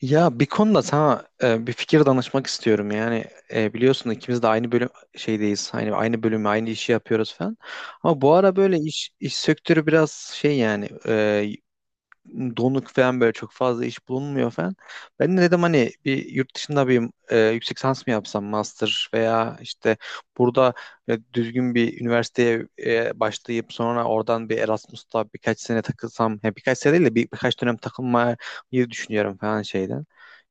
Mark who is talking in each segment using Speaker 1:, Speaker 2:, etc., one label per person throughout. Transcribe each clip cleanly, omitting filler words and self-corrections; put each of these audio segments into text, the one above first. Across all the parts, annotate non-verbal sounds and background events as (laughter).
Speaker 1: Ya bir konuda sana bir fikir danışmak istiyorum. Yani biliyorsun ikimiz de aynı bölüm şeydeyiz. Hani aynı bölümü, aynı işi yapıyoruz falan. Ama bu ara böyle iş sektörü biraz şey yani donuk falan, böyle çok fazla iş bulunmuyor falan. Ben de dedim hani bir yurt dışında bir yüksek lisans mı yapsam, master, veya işte burada düzgün bir üniversiteye başlayıp sonra oradan bir Erasmus'ta birkaç sene takılsam, ya birkaç sene değil de birkaç dönem takılmayı düşünüyorum falan şeyden.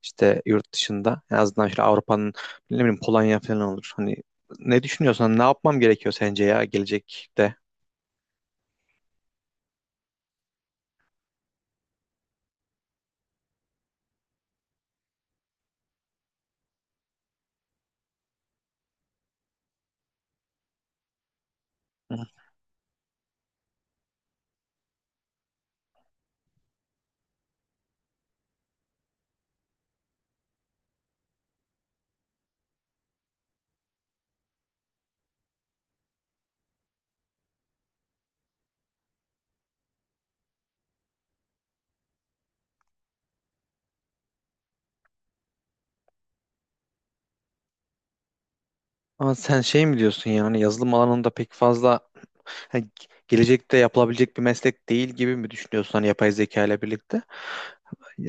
Speaker 1: İşte yurt dışında en azından şöyle Avrupa'nın, ne bileyim, Polonya falan olur. Hani ne düşünüyorsan, ne yapmam gerekiyor sence ya gelecekte? Ama sen şey mi diyorsun, yani yazılım alanında pek fazla hani gelecekte yapılabilecek bir meslek değil gibi mi düşünüyorsun, hani yapay zeka ile birlikte?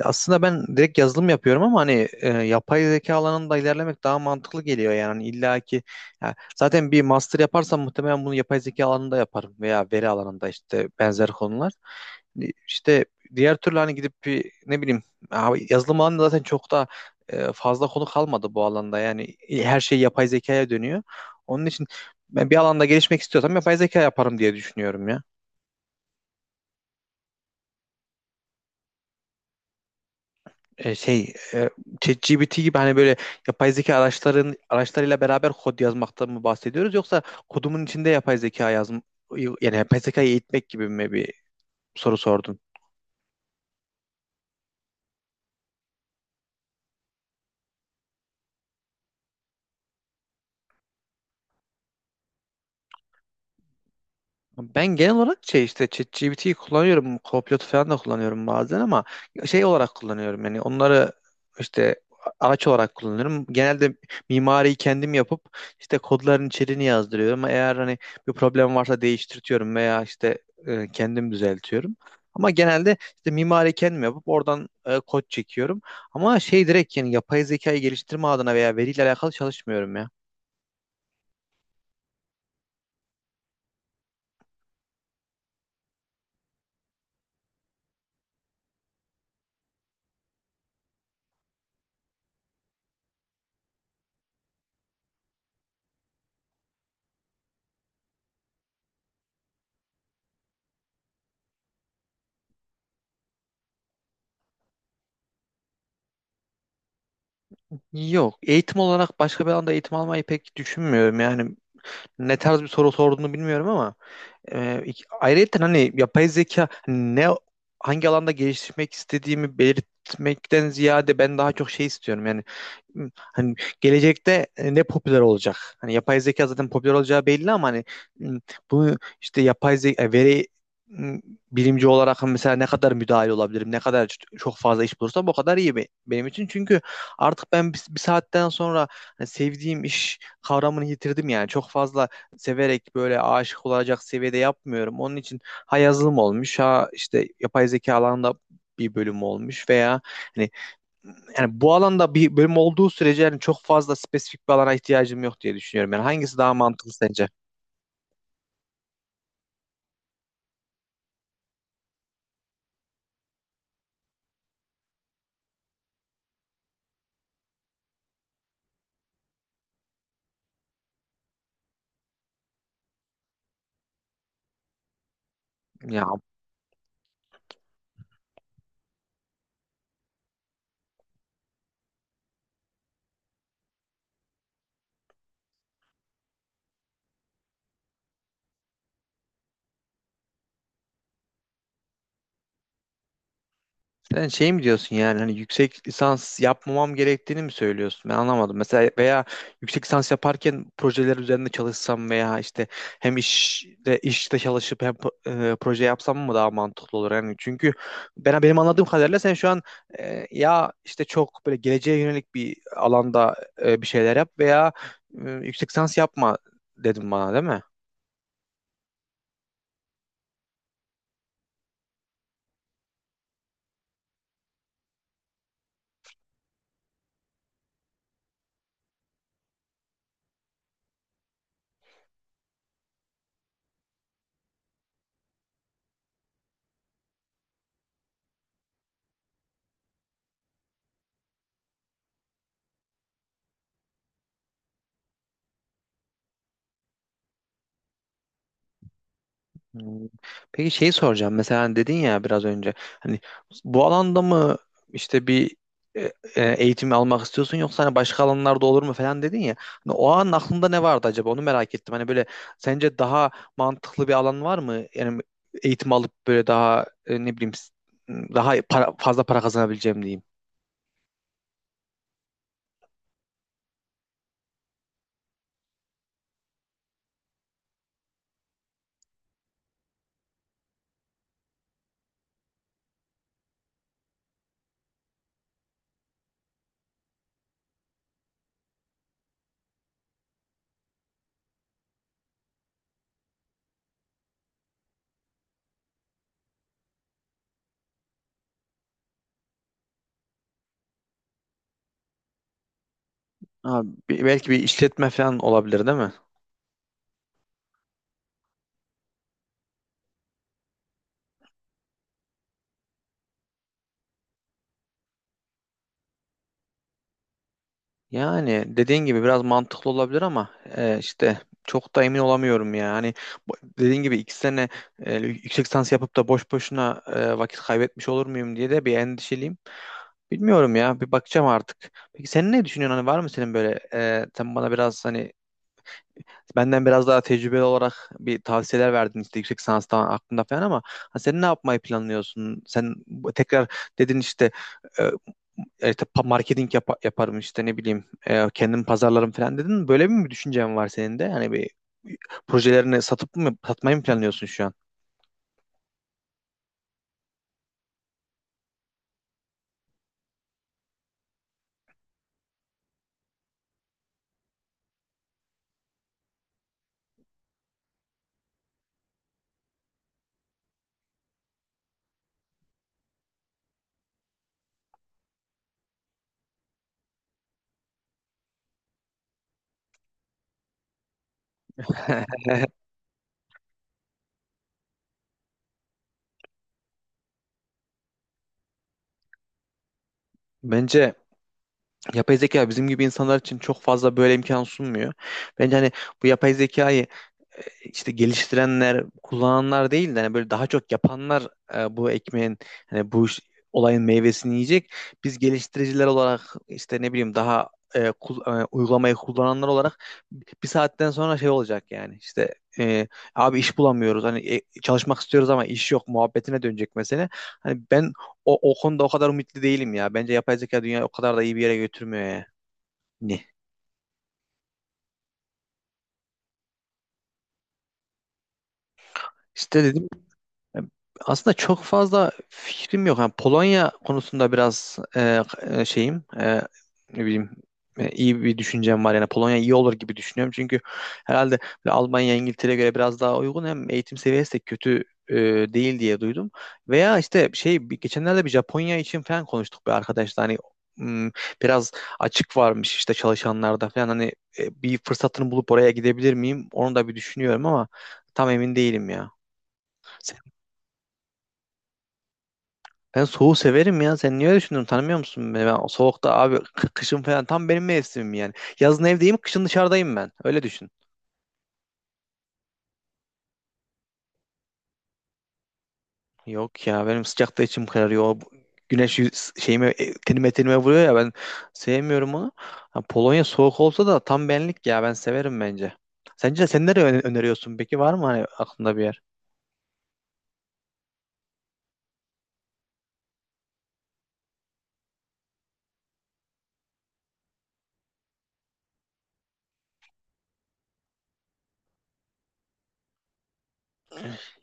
Speaker 1: Aslında ben direkt yazılım yapıyorum ama hani yapay zeka alanında ilerlemek daha mantıklı geliyor yani. Hani illa ki, ya zaten bir master yaparsam muhtemelen bunu yapay zeka alanında yaparım veya veri alanında, işte benzer konular. İşte diğer türlü hani gidip bir, ne bileyim, abi yazılım alanında zaten çok da fazla konu kalmadı bu alanda. Yani her şey yapay zekaya dönüyor. Onun için ben bir alanda gelişmek istiyorsam yapay zeka yaparım diye düşünüyorum ya. Şey, ChatGPT gibi, hani böyle yapay zeka araçlarıyla beraber kod yazmaktan mı bahsediyoruz, yoksa kodumun içinde yapay zeka yani yapay zekayı eğitmek gibi mi bir soru sordun? Ben genel olarak şey, işte ChatGPT'yi kullanıyorum. Copilot'u falan da kullanıyorum bazen, ama şey olarak kullanıyorum. Yani onları işte araç olarak kullanıyorum. Genelde mimariyi kendim yapıp işte kodların içeriğini yazdırıyorum. Eğer hani bir problem varsa değiştirtiyorum veya işte kendim düzeltiyorum. Ama genelde işte mimari kendim yapıp oradan kod çekiyorum. Ama şey, direkt yani yapay zekayı geliştirme adına veya veriyle alakalı çalışmıyorum ya. Yok. Eğitim olarak başka bir alanda eğitim almayı pek düşünmüyorum. Yani ne tarz bir soru sorduğunu bilmiyorum ama ayrıca hani yapay zeka hangi alanda geliştirmek istediğimi belirtmekten ziyade ben daha çok şey istiyorum. Yani hani gelecekte ne popüler olacak? Hani yapay zeka zaten popüler olacağı belli, ama hani m, bunu işte yapay zeka veri bilimci olarak hani mesela ne kadar müdahil olabilirim? Ne kadar çok fazla iş bulursam o kadar iyi benim için. Çünkü artık ben bir saatten sonra hani sevdiğim iş kavramını yitirdim yani. Çok fazla severek, böyle aşık olacak seviyede yapmıyorum. Onun için ha yazılım olmuş, ha işte yapay zeka alanında bir bölüm olmuş, veya hani yani bu alanda bir bölüm olduğu sürece, yani çok fazla spesifik bir alana ihtiyacım yok diye düşünüyorum. Yani hangisi daha mantıklı sence? Ya, sen şey mi diyorsun, yani hani yüksek lisans yapmamam gerektiğini mi söylüyorsun? Ben anlamadım. Mesela, veya yüksek lisans yaparken projeler üzerinde çalışsam veya işte hem işte çalışıp hem proje yapsam mı daha mantıklı olur? Yani çünkü ben benim anladığım kadarıyla sen şu an ya işte çok böyle geleceğe yönelik bir alanda bir şeyler yap veya yüksek lisans yapma dedim bana, değil mi? Hmm. Peki şey soracağım. Mesela hani dedin ya biraz önce, hani bu alanda mı, işte bir e, eğitim almak istiyorsun, yoksa hani başka alanlarda olur mu falan dedin ya. Hani o an aklında ne vardı acaba? Onu merak ettim. Hani böyle sence daha mantıklı bir alan var mı? Yani eğitim alıp böyle daha, ne bileyim, daha fazla para kazanabileceğim, diyeyim. Abi, belki bir işletme falan olabilir, değil mi? Yani dediğin gibi biraz mantıklı olabilir ama işte çok da emin olamıyorum ya. Hani bu- dediğin gibi iki sene yüksek lisans yapıp da boş boşuna vakit kaybetmiş olur muyum diye de bir endişeliyim. Bilmiyorum ya, bir bakacağım artık. Peki sen ne düşünüyorsun? Hani var mı senin böyle, sen bana biraz hani benden biraz daha tecrübeli olarak bir tavsiyeler verdin işte yüksek lisanstan aklında falan, ama hani sen ne yapmayı planlıyorsun? Sen tekrar dedin işte, e, işte marketing yaparım işte, ne bileyim, kendim pazarlarım falan dedin mi? Böyle mi bir düşüncen var senin de? Hani bir projelerini satıp mı satmayı mı planlıyorsun şu an? (laughs) Bence yapay zeka bizim gibi insanlar için çok fazla böyle imkan sunmuyor. Bence hani bu yapay zekayı e, işte geliştirenler, kullananlar değil de hani böyle daha çok yapanlar bu ekmeğin, hani bu olayın meyvesini yiyecek. Biz geliştiriciler olarak işte, ne bileyim, daha uygulamayı kullananlar olarak bir saatten sonra şey olacak yani, işte abi iş bulamıyoruz, hani çalışmak istiyoruz ama iş yok muhabbetine dönecek mesele. Hani ben o konuda o kadar umutlu değilim ya. Bence yapay zeka dünyayı o kadar da iyi bir yere götürmüyor ya. Ne? İşte dedim. E, Aslında çok fazla fikrim yok. Yani Polonya konusunda biraz şeyim, ne bileyim, iyi bir düşüncem var. Yani Polonya iyi olur gibi düşünüyorum. Çünkü herhalde böyle Almanya, İngiltere'ye göre biraz daha uygun. Hem eğitim seviyesi de kötü e, değil diye duydum. Veya işte şey, geçenlerde bir Japonya için falan konuştuk bir arkadaşla. Hani, m, biraz açık varmış işte çalışanlarda falan. Hani bir fırsatını bulup oraya gidebilir miyim? Onu da bir düşünüyorum ama tam emin değilim ya. Ben soğuğu severim ya. Sen niye öyle düşünüyorsun? Tanımıyor musun beni? Ben o soğukta, abi, kışın falan tam benim mevsimim yani. Yazın evdeyim, kışın dışarıdayım ben. Öyle düşün. Yok ya, benim sıcakta içim kararıyor. Güneş şeyime, tenime vuruyor ya, ben sevmiyorum onu. Ha, Polonya soğuk olsa da tam benlik ya, ben severim bence. Sence sen nereye öneriyorsun peki, var mı hani aklında bir yer?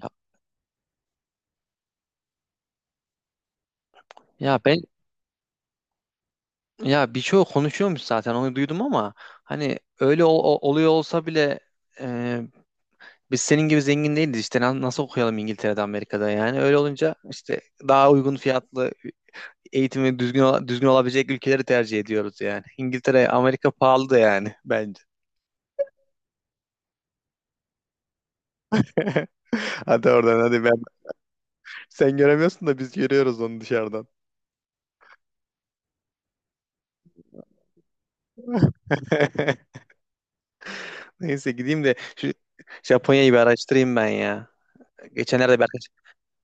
Speaker 1: Ya, ya, ben, ya birçoğu konuşuyormuş zaten onu duydum, ama hani öyle oluyor olsa bile, biz senin gibi zengin değiliz işte, nasıl okuyalım İngiltere'de, Amerika'da? Yani öyle olunca işte daha uygun fiyatlı, eğitimi düzgün olabilecek ülkeleri tercih ediyoruz yani. İngiltere, Amerika pahalı da yani, bence. (laughs) Hadi oradan, hadi ben. Sen göremiyorsun da biz görüyoruz onu dışarıdan. (laughs) Neyse, gideyim de şu Japonya'yı bir araştırayım ben ya. Geçenlerde bir arkadaş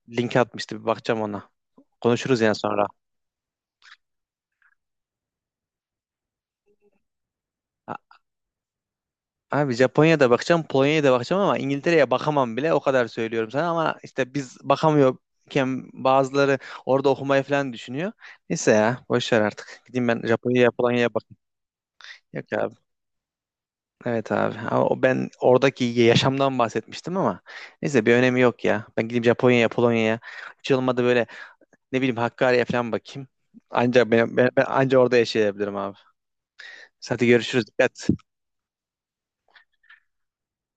Speaker 1: link atmıştı, bir bakacağım ona. Konuşuruz yani sonra. Abi, Japonya'da bakacağım, Polonya'ya da bakacağım, ama İngiltere'ye bakamam bile, o kadar söylüyorum sana, ama işte biz bakamıyorken bazıları orada okumayı falan düşünüyor. Neyse ya, boş ver artık. Gideyim ben Japonya'ya, Polonya'ya bakayım. Yok abi. Evet abi. Ama o, ben oradaki yaşamdan bahsetmiştim ama neyse, bir önemi yok ya. Ben gideyim Japonya'ya, Polonya'ya. Hiç olmadı böyle, ne bileyim, Hakkari'ye falan bakayım. Anca ben anca orada yaşayabilirim abi. Hadi görüşürüz. Dikkat.